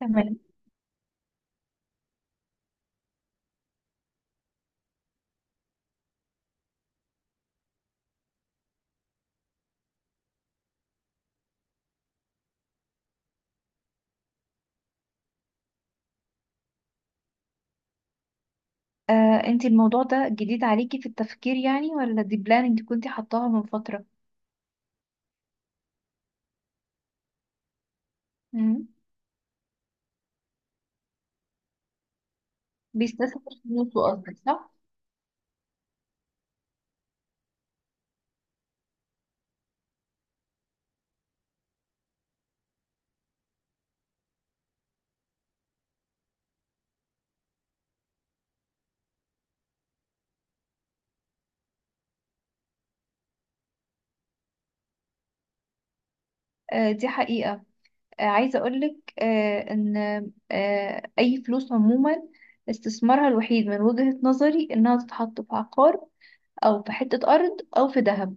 تمام. انتي الموضوع ده جديد عليكي في التفكير يعني ولا دي بلان انتي كنتي حطاها من فترة؟ مم. بيستثمر فلوسه قصدك صح؟ دي حقيقة. عايزة أقولك إن أي فلوس عموما استثمارها الوحيد من وجهة نظري إنها تتحط في عقار أو في حتة أرض أو في ذهب.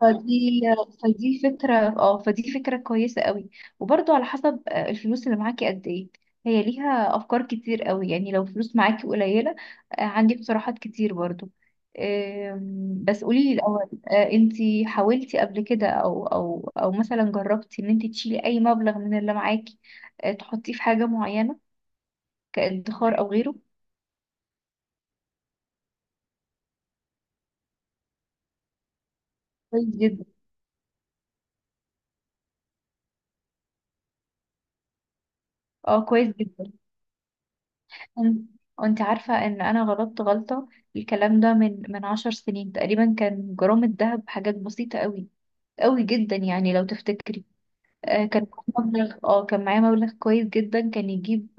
فدي فدي فكرة كويسة قوي. وبرضو على حسب الفلوس اللي معاكي قد ايه. هي ليها افكار كتير قوي، يعني لو فلوس معاكي قليلة عندي اقتراحات كتير برضو. بس قوليلي الاول، انتي حاولتي قبل كده او مثلا جربتي ان انتي تشيلي اي مبلغ من اللي معاكي تحطيه في حاجة معينة كادخار او غيره؟ كويس جدا. اه كويس جدا. أم- وانت عارفة ان انا غلطت غلطة. الكلام ده من 10 سنين تقريبا كان جرام الذهب حاجات بسيطة قوي، قوي جدا يعني لو تفتكري. آه كان كان معايا مبلغ كويس جدا كان يجيب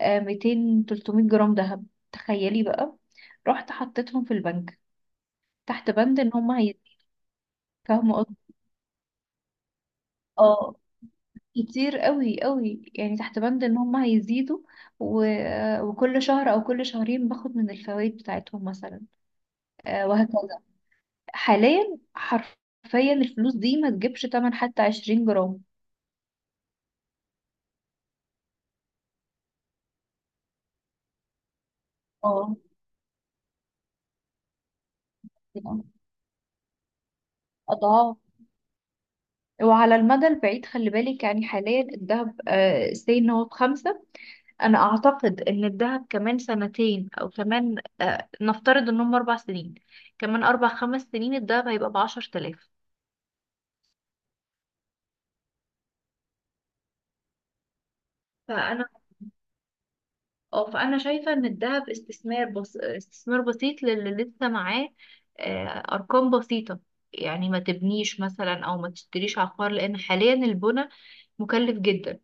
200 300 جرام ذهب. تخيلي بقى، رحت حطيتهم في البنك تحت بند ان هم هي... فاهمة قصدي؟ اه، كتير قوي قوي، يعني تحت بند ان هم هيزيدوا و... وكل شهر او كل شهرين باخد من الفوائد بتاعتهم مثلا وهكذا. حاليا حرفيا الفلوس دي ما تجيبش تمن حتى 20 جرام. اه، يعني اضعاف. وعلى المدى البعيد خلي بالك، يعني حاليا الذهب سي ان هو بخمسة. انا اعتقد ان الذهب كمان سنتين او كمان نفترض انهم 4 سنين، كمان اربع خمس سنين الذهب هيبقى ب 10 آلاف. فانا اه فانا شايفه ان الذهب استثمار، بس استثمار بسيط للي لسه معاه ارقام بسيطه. يعني ما تبنيش مثلا او ما تشتريش عقار، لان حاليا البنى مكلف جدا.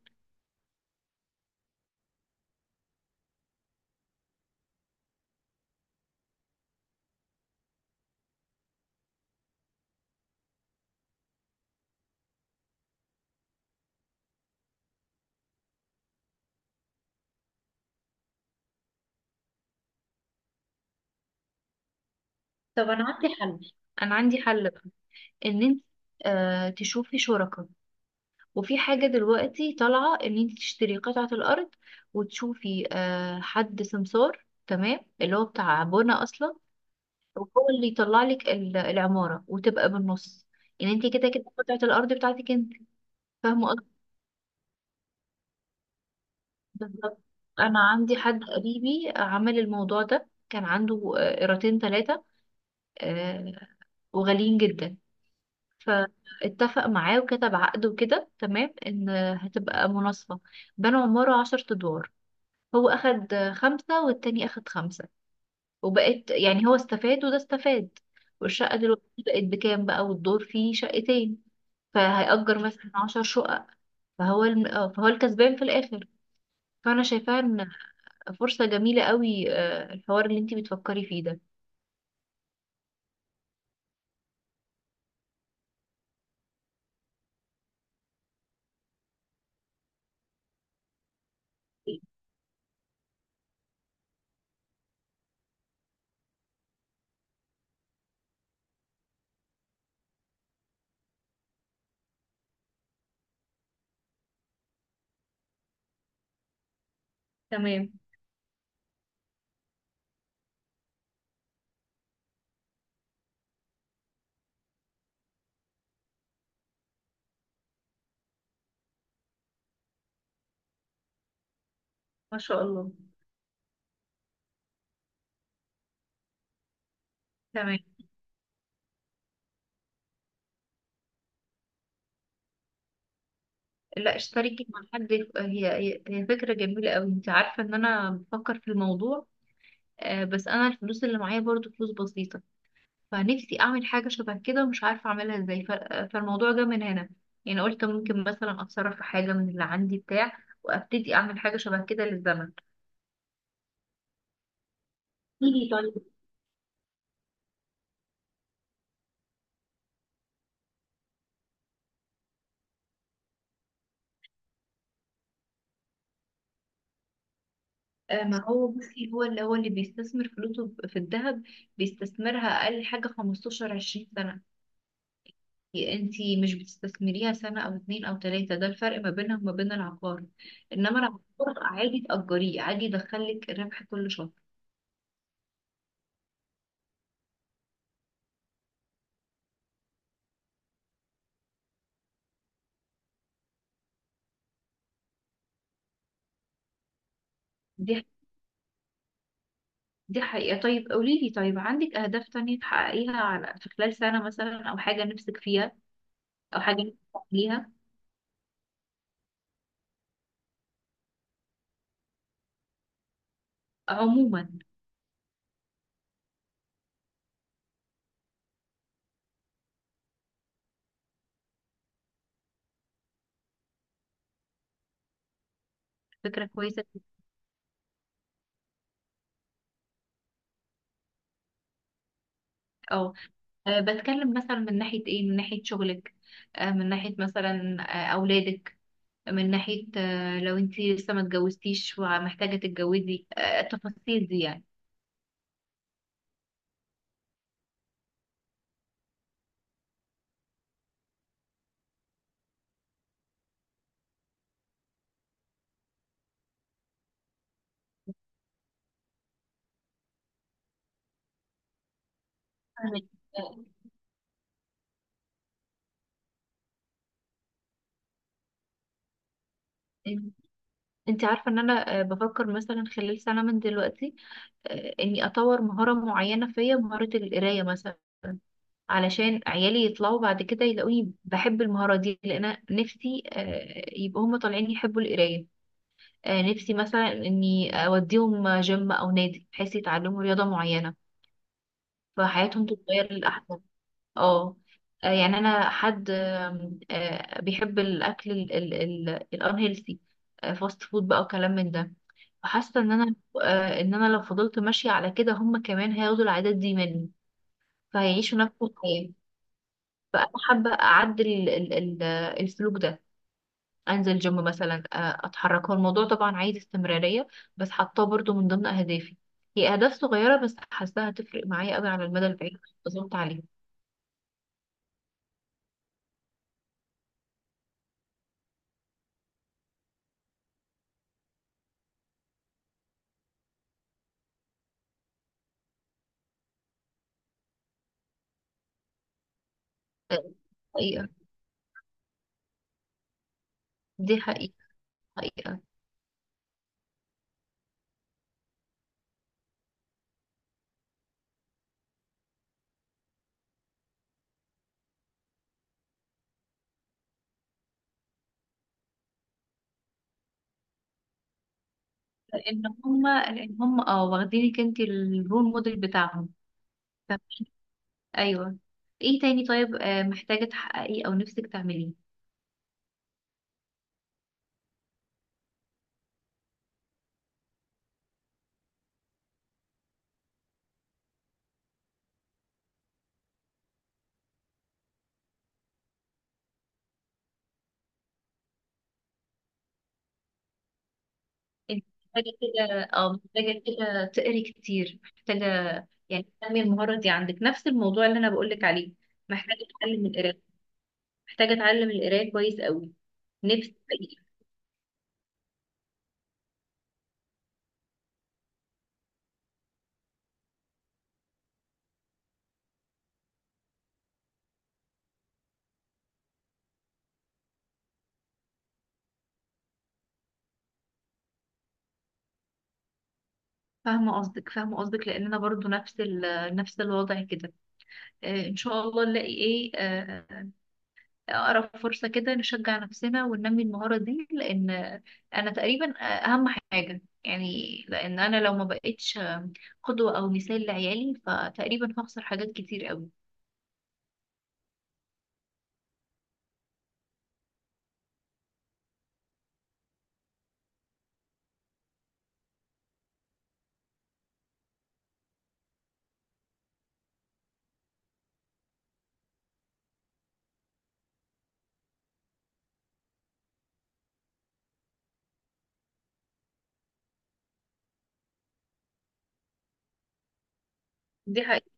طب انا عندي حل، انا عندي حل بقى. ان انت تشوفي شركاء. وفي حاجه دلوقتي طالعه ان انت تشتري قطعه الارض وتشوفي حد سمسار، تمام، اللي هو بتاع بنى اصلا وهو اللي يطلع لك العمارة وتبقى بالنص. يعني انت كده كده قطعة الأرض بتاعتك انت. فاهمة قصدي. بالظبط. أنا عندي حد قريبي عمل الموضوع ده. كان عنده قيراطين ثلاثة وغاليين جدا. فاتفق معاه وكتب عقد وكده تمام ان هتبقى مناصفة. بنوا عمارة 10 أدوار. هو أخد خمسة والتاني أخد خمسة. وبقت يعني هو استفاد وده استفاد. والشقة دلوقتي بقت بكام بقى، والدور فيه شقتين. فهيأجر مثلا 10 شقق. فهو الم... آه، فهو الكسبان في الآخر. فأنا شايفاها إن فرصة جميلة قوي الحوار اللي انتي بتفكري فيه ده. تمام. ما شاء الله. تمام. لا، اشتركي مع حد. هي فكرة جميلة قوي. انت عارفة ان انا بفكر في الموضوع بس انا الفلوس اللي معايا برضو فلوس بسيطة. فنفسي اعمل حاجة شبه كده ومش عارفة اعملها ازاي فالموضوع جه من هنا. يعني قلت ممكن مثلا اتصرف في حاجة من اللي عندي بتاع وابتدي اعمل حاجة شبه كده للزمن. ليه طيب؟ ما هو بصي هو اللي بيستثمر فلوسه في الذهب بيستثمرها أقل حاجة 15 20 سنة. انتي مش بتستثمريها سنة أو اتنين أو تلاتة. ده الفرق ما بينها وما بين العقار. إنما العقار عادي تأجريه، عادي يدخلك ربح كل شهر. دي دي حقيقة. طيب قوليلي، طيب عندك أهداف تانية تحققيها على في خلال سنة مثلا أو حاجة نفسك فيها أو حاجة نفسك تعمليها عموما؟ فكرة كويسة. اه، بتكلم مثلا من ناحية ايه، من ناحية شغلك، من ناحية مثلا أولادك، من ناحية لو انتي لسه ما اتجوزتيش ومحتاجة تتجوزي التفاصيل دي يعني. فاهمك. آه، إن- انتي عارفة ان انا بفكر مثلا خلال سنة من دلوقتي اني اطور مهارة معينة فيا مهارة القراية مثلا، علشان عيالي يطلعوا بعد كده يلاقوني بحب المهارة دي، لأن أنا نفسي يبقوا هما طالعين يحبوا القراية. نفسي مثلا اني اوديهم جيم او نادي بحيث يتعلموا رياضة معينة فحياتهم تتغير للأحسن. اه. يعني انا حد آم، آه، بيحب الاكل الانهيلثي، فاست فود بقى وكلام من ده. فحاسه ان انا ان انا لو فضلت ماشيه على كده هم كمان هياخدوا العادات دي مني فهيعيشوا نفس الحياه. فانا حابه اعدل السلوك ده. انزل جيم مثلا، اتحرك، هو الموضوع طبعا عايز استمرارية، بس حاطاه برضو من ضمن اهدافي. هي اهداف صغيرة بس حاساها هتفرق معايا قوي على المدى البعيد. اظبط عليها. آه، حقيقة. دي حقيقة. حقيقة. لان هم واخدينك انت الرول موديل بتاعهم. ف- ايوه. ايه تاني طيب، محتاجة تحققيه او نفسك تعمليه؟ انت محتاجة كده، تقري كتير، محتاجة يعني تنمي المهارة دي عندك، نفس الموضوع اللي انا بقولك عليه. محتاجة تتعلم القراية، محتاجة أتعلم القراية كويس قوي. نفسي حقيقي. فاهمة قصدك، لأن أنا برضو نفس نفس الوضع كده. إن شاء الله نلاقي إيه أقرب فرصة كده نشجع نفسنا وننمي المهارة دي، لأن أنا تقريبا أهم حاجة يعني، لأن أنا لو ما بقتش قدوة أو مثال لعيالي فتقريبا هخسر حاجات كتير قوي. دي حقيقة.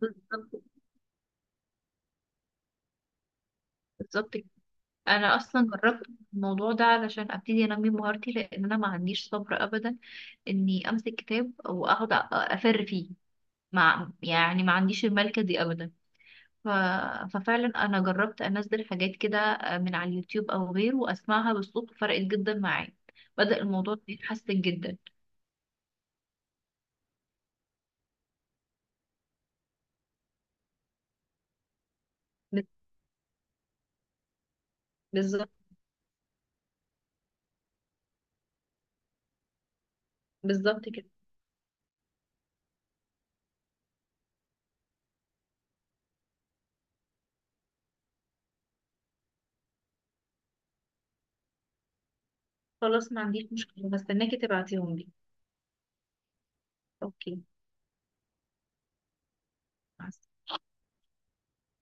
بالظبط. بالظبط. انا اصلا جربت الموضوع ده علشان ابتدي انمي مهارتي، لان انا ما عنديش صبر ابدا اني امسك كتاب واقعد افر فيه، مع يعني ما عنديش الملكه دي ابدا. ف... ففعلا انا جربت انزل حاجات كده من على اليوتيوب او غيره واسمعها بالصوت. فرقت جدا معايا، بدأ الموضوع يتحسن جدا. ب- بالظبط. بالظبط كده. خلاص، ما عنديش مشكلة، بستناكي تبعتيهم لي. اوكي. مع